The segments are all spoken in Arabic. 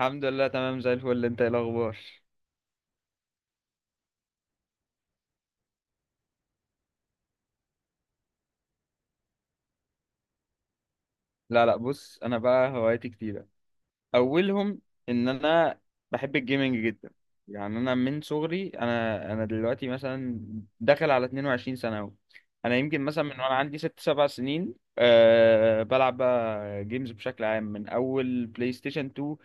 الحمد لله، تمام زي الفل. انت ايه الاخبار؟ لا لا، بص، انا بقى هوايتي كتير. اولهم ان انا بحب الجيمنج جدا. يعني انا من صغري انا دلوقتي مثلا داخل على 22 سنه اهو. انا يمكن مثلا من وانا عندي ست سبع سنين بلعب بقى جيمز بشكل عام من اول بلاي ستيشن 2،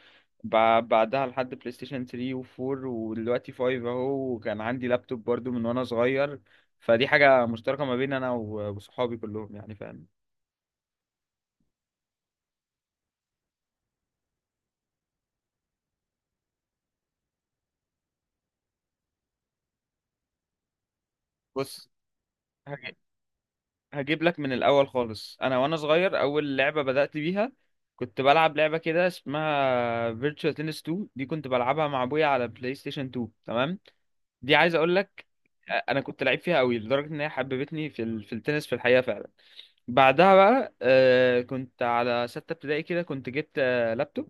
بعدها لحد بلاي ستيشن 3 و4 ودلوقتي 5 اهو. وكان عندي لابتوب برضو من وانا صغير، فدي حاجه مشتركه ما بين انا و- وصحابي كلهم يعني فاهم. بص، هجيب لك من الاول خالص. انا وانا صغير اول لعبه بدات بيها كنت بلعب لعبه كده اسمها فيرتشوال تنس 2، دي كنت بلعبها مع ابويا على بلاي ستيشن 2، تمام؟ دي عايز اقول لك انا كنت لعيب فيها قوي لدرجه ان هي حببتني في التنس في الحقيقه فعلا. بعدها بقى كنت على سته ابتدائي كده، كنت جبت لابتوب.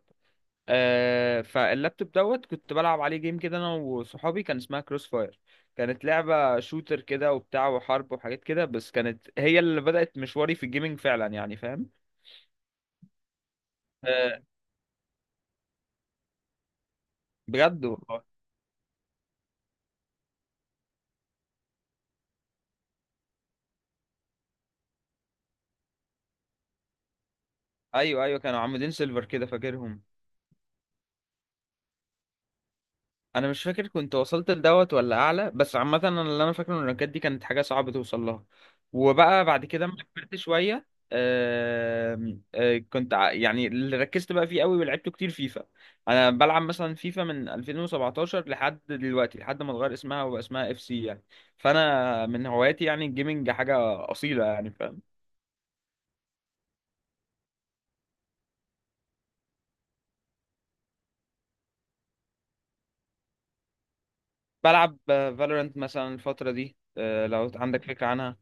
فاللابتوب دوت كنت بلعب عليه جيم كده انا وصحابي، كان اسمها كروس فاير. كانت لعبة شوتر كده وبتاع وحرب وحاجات كده، بس كانت هي اللي بدأت مشواري في الجيمنج فعلا يعني فاهم. آه، بجد والله. ايوه ايوه، كانوا عاملين سيلفر كده فاكرهم. انا مش فاكر كنت وصلت لدوت ولا اعلى، بس عامه انا اللي انا فاكره ان الرانكات دي كانت حاجه صعبه توصل لها. وبقى بعد كده لما كبرت شويه آم، آه، كنت يعني اللي ركزت بقى فيه قوي ولعبته كتير فيفا. انا بلعب مثلا فيفا من 2017 لحد دلوقتي، لحد ما اتغير اسمها وبقى اسمها اف سي يعني. فانا من هواياتي يعني الجيمنج حاجه اصيله يعني فاهم. بلعب فالورانت مثلا الفتره دي، لو عندك فكره.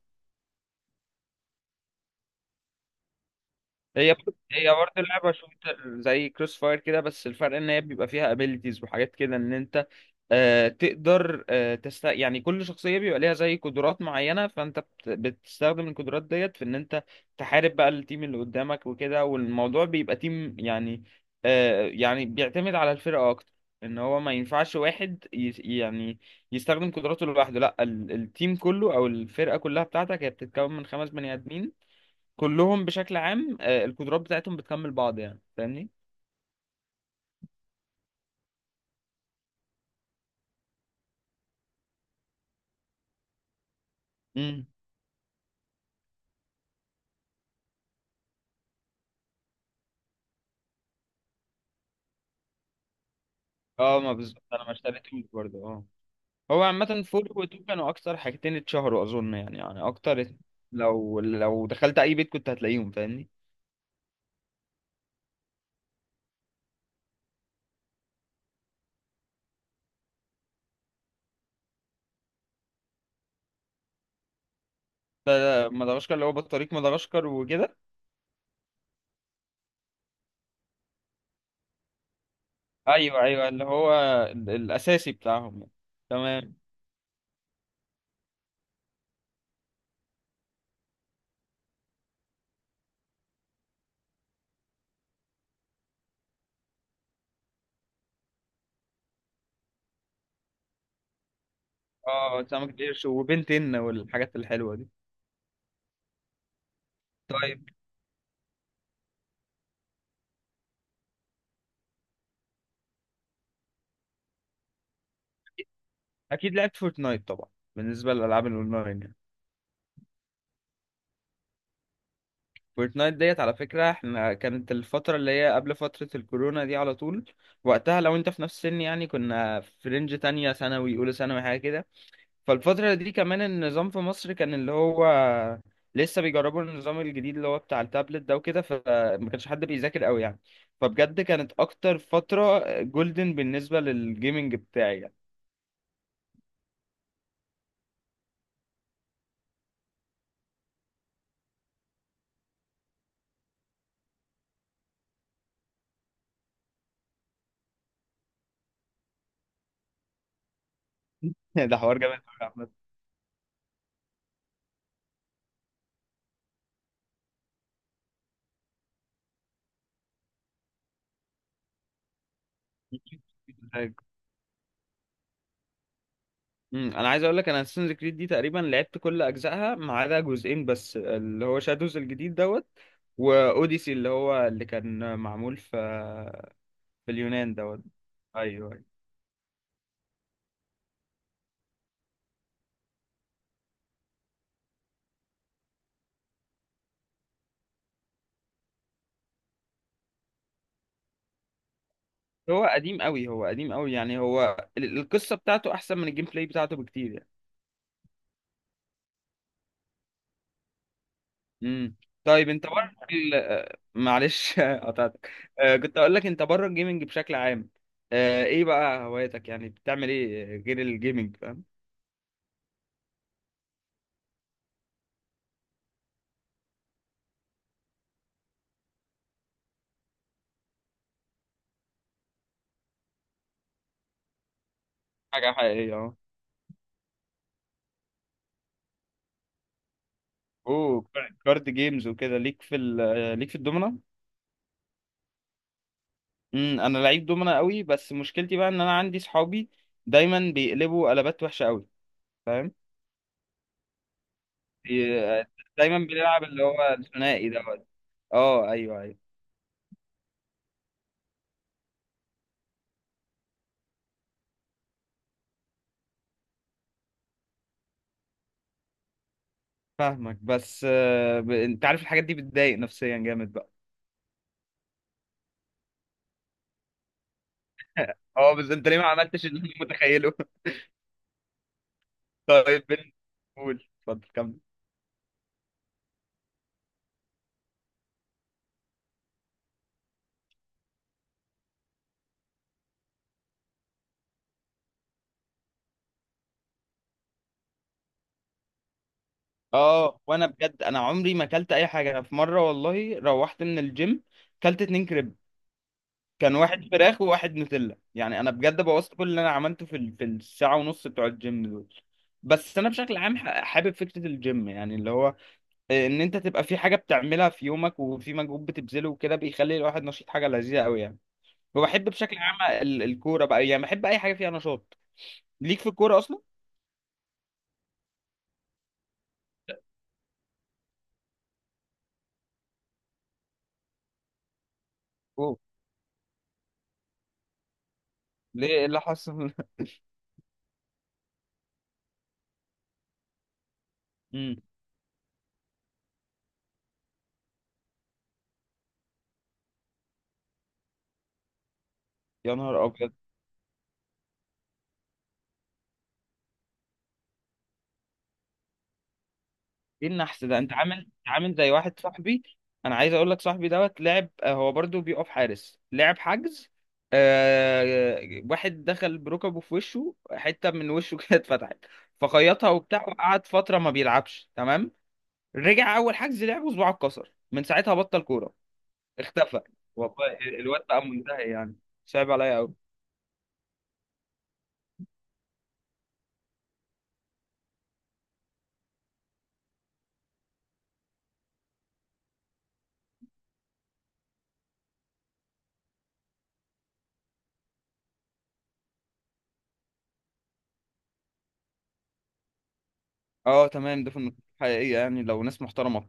هي برضه اللعبة شوتر زي كروس فاير كده، بس الفرق ان هي بيبقى فيها ابيليتيز وحاجات كده ان انت تقدر تست يعني. كل شخصية بيبقى ليها زي قدرات معينة، فانت بتستخدم القدرات ديت في ان انت تحارب بقى التيم اللي قدامك وكده. والموضوع بيبقى تيم يعني، يعني بيعتمد على الفرقة اكتر. ان هو ما ينفعش واحد يعني يستخدم قدراته لوحده. لا، التيم كله او الفرقة كلها بتاعتك هي بتتكون من خمس بني ادمين، كلهم بشكل عام القدرات بتاعتهم بتكمل بعض يعني فاهمني. امم، اه، ما بالظبط انا ما اشتريتوش برضه. اه، هو عامة فور وتو كانوا اكتر حاجتين اتشهروا اظن يعني، يعني اكتر لو لو دخلت اي بيت كنت هتلاقيهم فاهمني. ف- مدغشقر اللي هو بطريق مدغشقر وكده. ايوه ايوه، اللي هو الاساسي بتاعهم يعني. تمام. اه، سمك القرش وبنتين والحاجات الحلوة دي. طيب، اكيد لعبت فورتنايت طبعا، بالنسبة للالعاب الاونلاين يعني. فورتنايت ديت على فكرة احنا كانت الفترة اللي هي قبل فترة الكورونا دي على طول. وقتها لو انت في نفس السن يعني كنا في رينج تانية ثانوي أولى ثانوي حاجة كده. فالفترة دي كمان النظام في مصر كان اللي هو لسه بيجربوا النظام الجديد اللي هو بتاع التابلت ده وكده، فما كانش حد بيذاكر قوي يعني. فبجد كانت أكتر فترة جولدن بالنسبة للجيمنج بتاعي يعني. ده حوار جامد أوي يا أحمد. انا عايز اقول لك انا اساسنز كريد دي تقريبا لعبت كل اجزائها ما عدا جزئين بس، اللي هو شادوز الجديد دوت واوديسي اللي هو اللي كان معمول في اليونان دوت. ايوه، أيوة. هو قديم قوي هو قديم قوي يعني. هو القصه بتاعته احسن من الجيم بلاي بتاعته بكتير يعني. امم طيب، انت بره معلش قطعتك. كنت اقول لك انت بره الجيمنج بشكل عام، ايه بقى هواياتك؟ يعني بتعمل ايه غير الجيمنج فاهم. حاجه حقيقيه اهو. اوه، كارد جيمز وكده. ليك في الدومنة. انا لعيب دومنة قوي، بس مشكلتي بقى ان انا عندي صحابي دايما بيقلبوا قلبات وحشة قوي فاهم. بي- دايما بنلعب اللي هو الثنائي دوت. اه، ايوه ايوه، فاهمك. بس انت عارف الحاجات دي بتضايق نفسيا جامد بقى. اه، بس انت ليه ما عملتش اللي انا متخيله؟ طيب، قول اتفضل كمل. اه، وانا بجد انا عمري ما اكلت اي حاجه. انا في مره والله روحت من الجيم كلت اتنين كريب. كان واحد فراخ وواحد نوتيلا، يعني انا بجد بوظت كل اللي انا عملته في الساعه ونص بتوع الجيم دول. بس انا بشكل عام حابب فكره الجيم يعني اللي هو ان انت تبقى في حاجه بتعملها في يومك وفي مجهود بتبذله وكده، بيخلي الواحد نشيط حاجه لذيذه قوي يعني. وبحب بشكل عام الكوره بقى يعني، بحب اي حاجه فيها نشاط. ليك في الكوره اصلا؟ اوه، ليه، إيه اللي حصل؟ امم يا نهار ابيض. ايه النحس ده! انت عامل عامل زي واحد صاحبي. انا عايز اقول لك صاحبي دوت لعب، هو برضو بيقف حارس لعب حجز، آه واحد دخل بركبه في وشه، حتة من وشه كده اتفتحت، فخيطها وبتاع وقعد فترة ما بيلعبش تمام. رجع اول حجز لعب وصباعه اتكسر، من ساعتها بطل كورة. اختفى، والله الواد بقى منتهي يعني. صعب عليا قوي. اه تمام، ده في النقطة الحقيقية يعني لو ناس محترمة.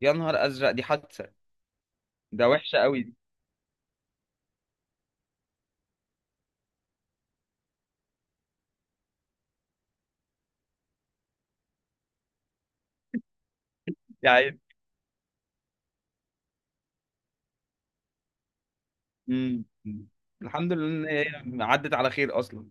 يا نهار ازرق، دي حادثة! ده وحشة قوي دي يعني. امم الحمد لله ان هي عدت على خير اصلا.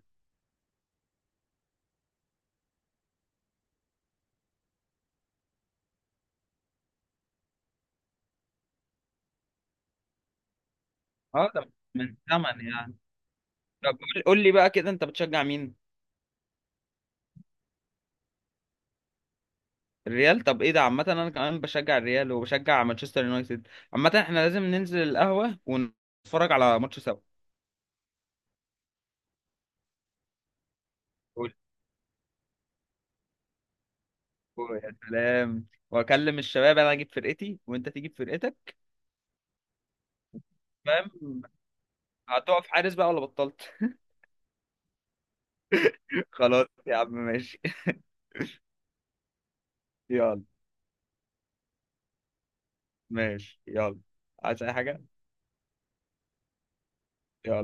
اه، ده من زمن يعني. طب، قول قول لي بقى كده، انت بتشجع مين؟ الريال؟ طب ايه ده، عامه انا كمان بشجع الريال وبشجع مانشستر يونايتد. عامه احنا لازم ننزل القهوه ونتفرج على ماتش سوا. قول، قول يا سلام، واكلم الشباب، انا اجيب فرقتي وانت تجيب فرقتك فاهم. هتقف حارس بقى ولا بطلت؟ خلاص يا عم ماشي. يلا، ماشي يلا. عايز اي حاجه؟ يلا.